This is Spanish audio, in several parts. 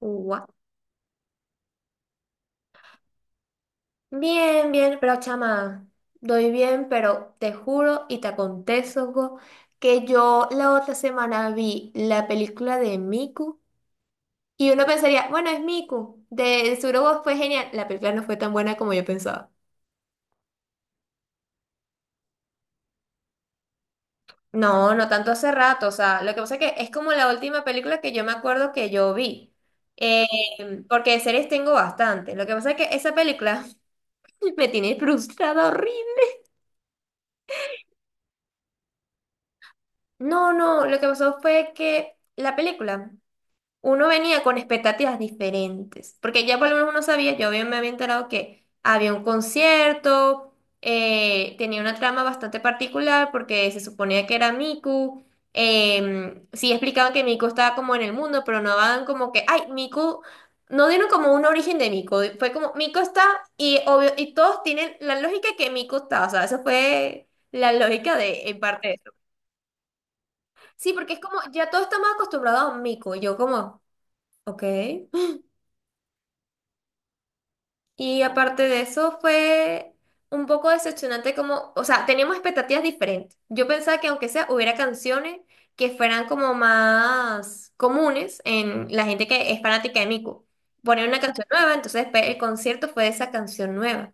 Gua- Bien, bien, pero chama, doy bien, pero te juro y te acontezo que yo la otra semana vi la película de Miku y uno pensaría, bueno, es Miku, de seguro go fue genial. La película no fue tan buena como yo pensaba. No, no tanto hace rato, o sea, lo que pasa es que es como la última película que yo me acuerdo que yo vi, Eh, porque de series tengo bastante. Lo que pasa es que esa película me tiene frustrada horrible. No, no, lo que pasó fue que la película. Uno venía con expectativas diferentes, porque ya por lo menos uno sabía, yo bien me había enterado que había un concierto, tenía una trama bastante particular porque se suponía que era Miku, sí explicaban que Miku estaba como en el mundo, pero no daban como que, ay, Miku, no dieron como un origen de Miku, fue como Miku está y obvio, y todos tienen la lógica que Miku está, o sea, eso fue la lógica de en parte de eso. Sí, porque es como, ya todos estamos acostumbrados a Miku, y yo como, ok. Y aparte de eso fue un poco decepcionante como, o sea, teníamos expectativas diferentes. Yo pensaba que aunque sea hubiera canciones que fueran como más comunes en la gente que es fanática de Miku. Poner una canción nueva, entonces después el concierto fue de esa canción nueva.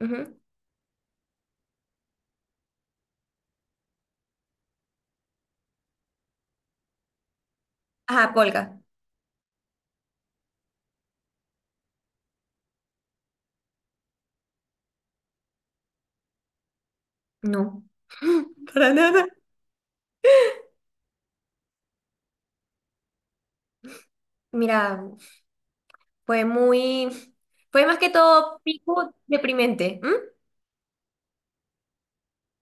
Ujú. Ajá, Polka. No, para nada. Mira, fue muy, fue más que todo pico deprimente. ¿M?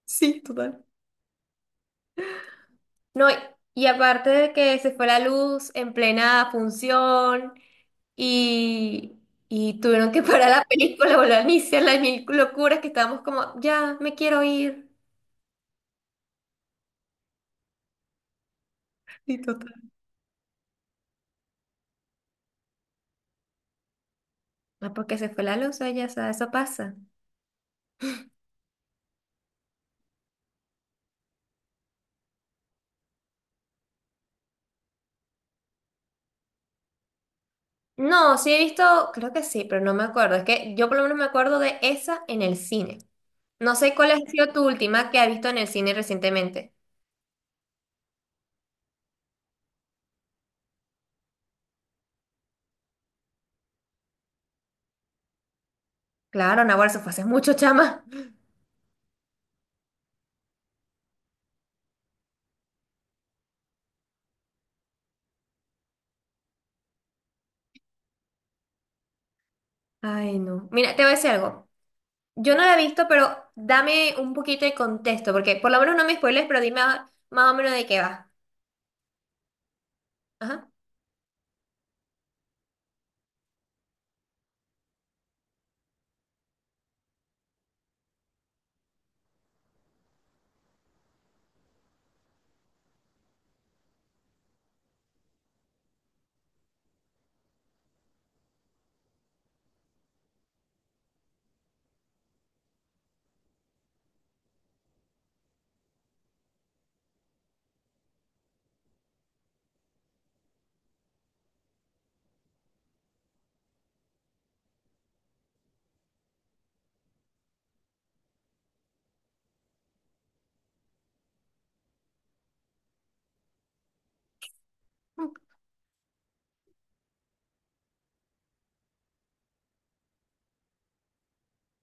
Sí, total. No, y aparte de que se fue la luz en plena función y, y tuvieron que parar la película, volver a iniciar las mil locuras que estábamos como, ya, me quiero ir. Sí, total. Ah, porque se fue la luz, ella, o sea, eso pasa. No, sí he visto, creo que sí, pero no me acuerdo. Es que yo por lo menos me acuerdo de esa en el cine. No sé cuál ha sido tu última que has visto en el cine recientemente. Claro, Nahuatl, eso fue hace mucho, chama. Ay, no. Mira, te voy a decir algo. Yo no la he visto, pero dame un poquito de contexto, porque por lo menos no me spoiles, pero dime más o menos de qué va. Ajá.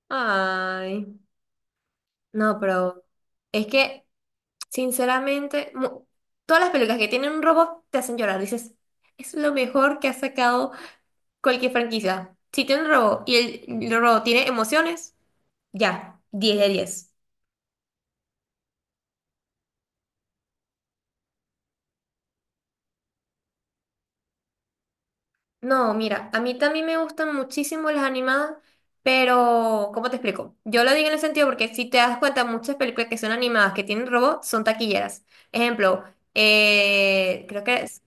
Ay, no, pero es que, sinceramente, todas las películas que tienen un robot te hacen llorar. Dices, es lo mejor que ha sacado cualquier franquicia. Si tiene un robot y el robot tiene emociones, ya, 10 de 10. No, mira, a mí también me gustan muchísimo las animadas, pero ¿cómo te explico? Yo lo digo en el sentido porque si te das cuenta, muchas películas que son animadas, que tienen robots, son taquilleras. Ejemplo, creo que es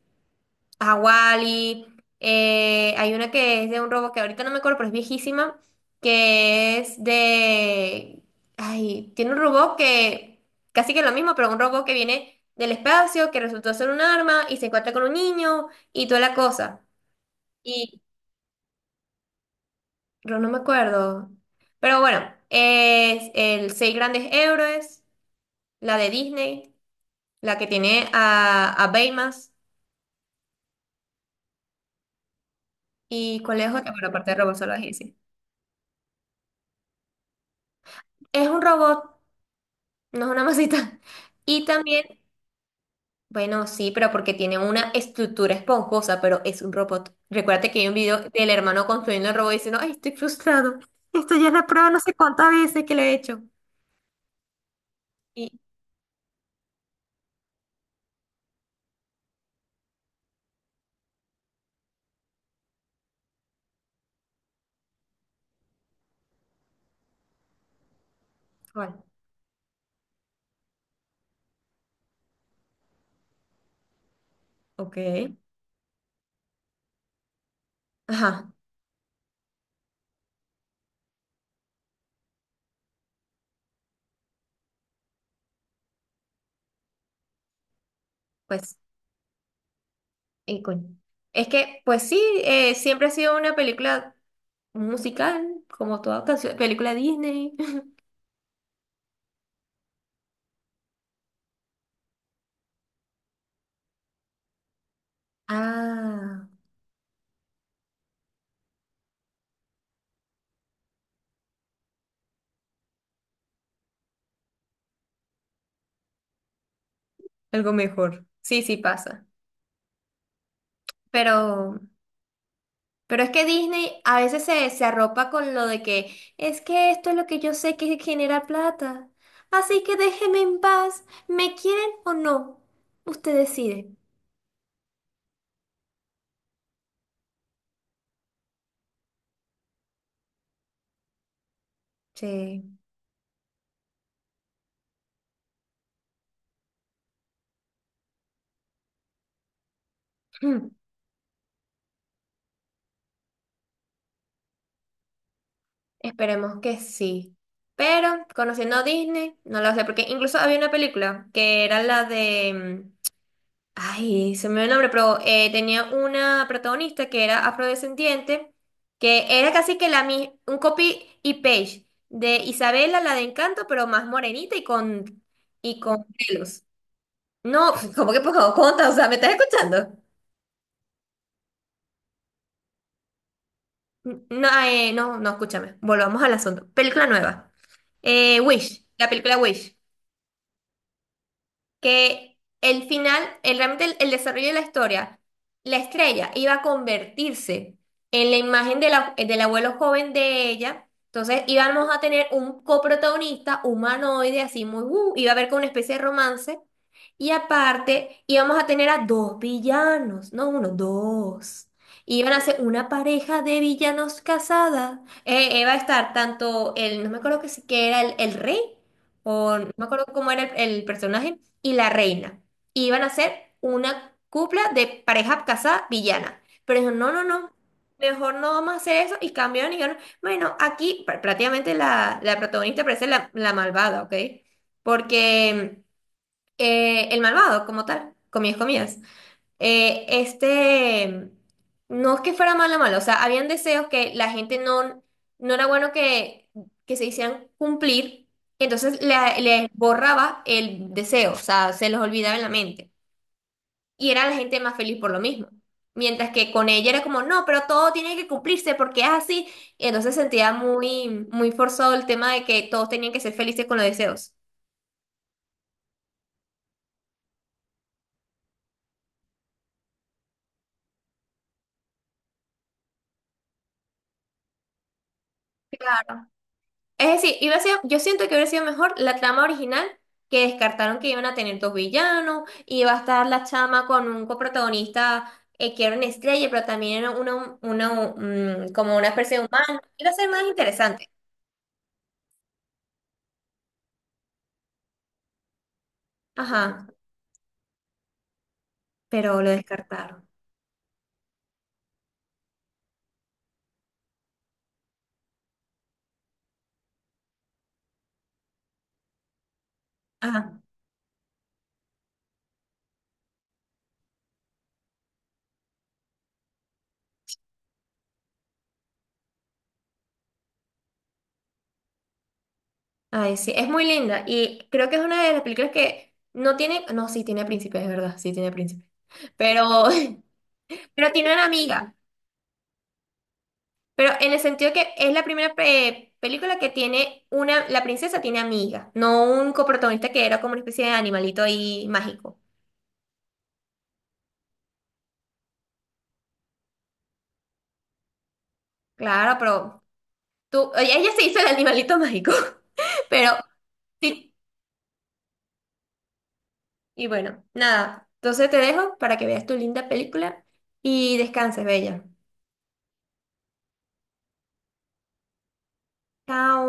Hawali, hay una que es de un robot que ahorita no me acuerdo, pero es viejísima, que es de... Ay, tiene un robot que casi que es lo mismo, pero un robot que viene del espacio, que resultó ser un arma y se encuentra con un niño y toda la cosa. Pero no me acuerdo. Pero bueno, es el Seis Grandes Héroes, la de Disney, la que tiene a Baymax. ¿Y cuál es otra? Bueno, aparte de Robot Salvaje, sí. Es un robot, no es una masita. Y también, bueno, sí, pero porque tiene una estructura esponjosa, pero es un robot. Recuérdate que hay un video del hermano construyendo el robot diciendo, ay, estoy frustrado. Esto ya es la prueba no sé cuántas veces que lo he hecho. Y, bueno, ok. Ajá, pues. Y coño. Es que, pues sí, siempre ha sido una película musical, como toda canción, película Disney. Ah, algo mejor. Sí, sí pasa. Pero, pero es que Disney a veces se, se arropa con lo de que es que esto es lo que yo sé que genera plata. Así que déjeme en paz. ¿Me quieren o no? Usted decide. Sí. Esperemos que sí. Pero conociendo a Disney, no lo sé, porque incluso había una película que era la de... mm, ay, se me olvidó el nombre, pero tenía una protagonista que era afrodescendiente, que era casi que la un copy y page de Isabela, la de Encanto, pero más morenita y con pelos. No, como que por favor, conta, o sea, ¿me estás escuchando? No, no, no, escúchame. Volvamos al asunto. Película nueva. Wish, la película Wish. Que el final, el, realmente el desarrollo de la historia, la estrella iba a convertirse en la imagen de del abuelo joven de ella. Entonces íbamos a tener un coprotagonista humanoide, así muy, iba a haber como una especie de romance. Y aparte íbamos a tener a dos villanos, no uno, dos. Iban a ser una pareja de villanos casada. Iba a estar tanto el, no me acuerdo que, que era el rey. O no me acuerdo cómo era el personaje, y la reina. Y iban a ser una cupla de pareja casada villana. Pero dijo, no, no, no, mejor no vamos a hacer eso. Y cambiaron y dijeron, bueno, aquí prácticamente la, la protagonista parece la, la malvada, ¿ok? Porque el malvado, como tal, comías, comías eh, este, no es que fuera malo o malo, o sea, habían deseos que la gente no, no era bueno que se hicieran cumplir, entonces les borraba el deseo, o sea, se los olvidaba en la mente. Y era la gente más feliz por lo mismo. Mientras que con ella era como, no, pero todo tiene que cumplirse porque es así. Y entonces sentía muy, muy forzado el tema de que todos tenían que ser felices con los deseos. Claro, es decir, iba a ser, yo siento que hubiera sido mejor la trama original, que descartaron que iban a tener dos villanos, iba a estar la chama con un coprotagonista que era una estrella, pero también era una, como una especie de humano. Iba a ser más interesante. Ajá, pero lo descartaron. Ajá, ay, sí, es muy linda y creo que es una de las películas que no tiene, no, sí tiene príncipe, es verdad, sí tiene príncipe, pero, pero tiene una amiga. Pero en el sentido que es la primera película que tiene una, la princesa tiene amiga, no un coprotagonista que era como una especie de animalito ahí mágico. Claro, pero tú, ella se hizo el animalito mágico, pero sí, y bueno, nada, entonces te dejo para que veas tu linda película y descanses, bella. Chao.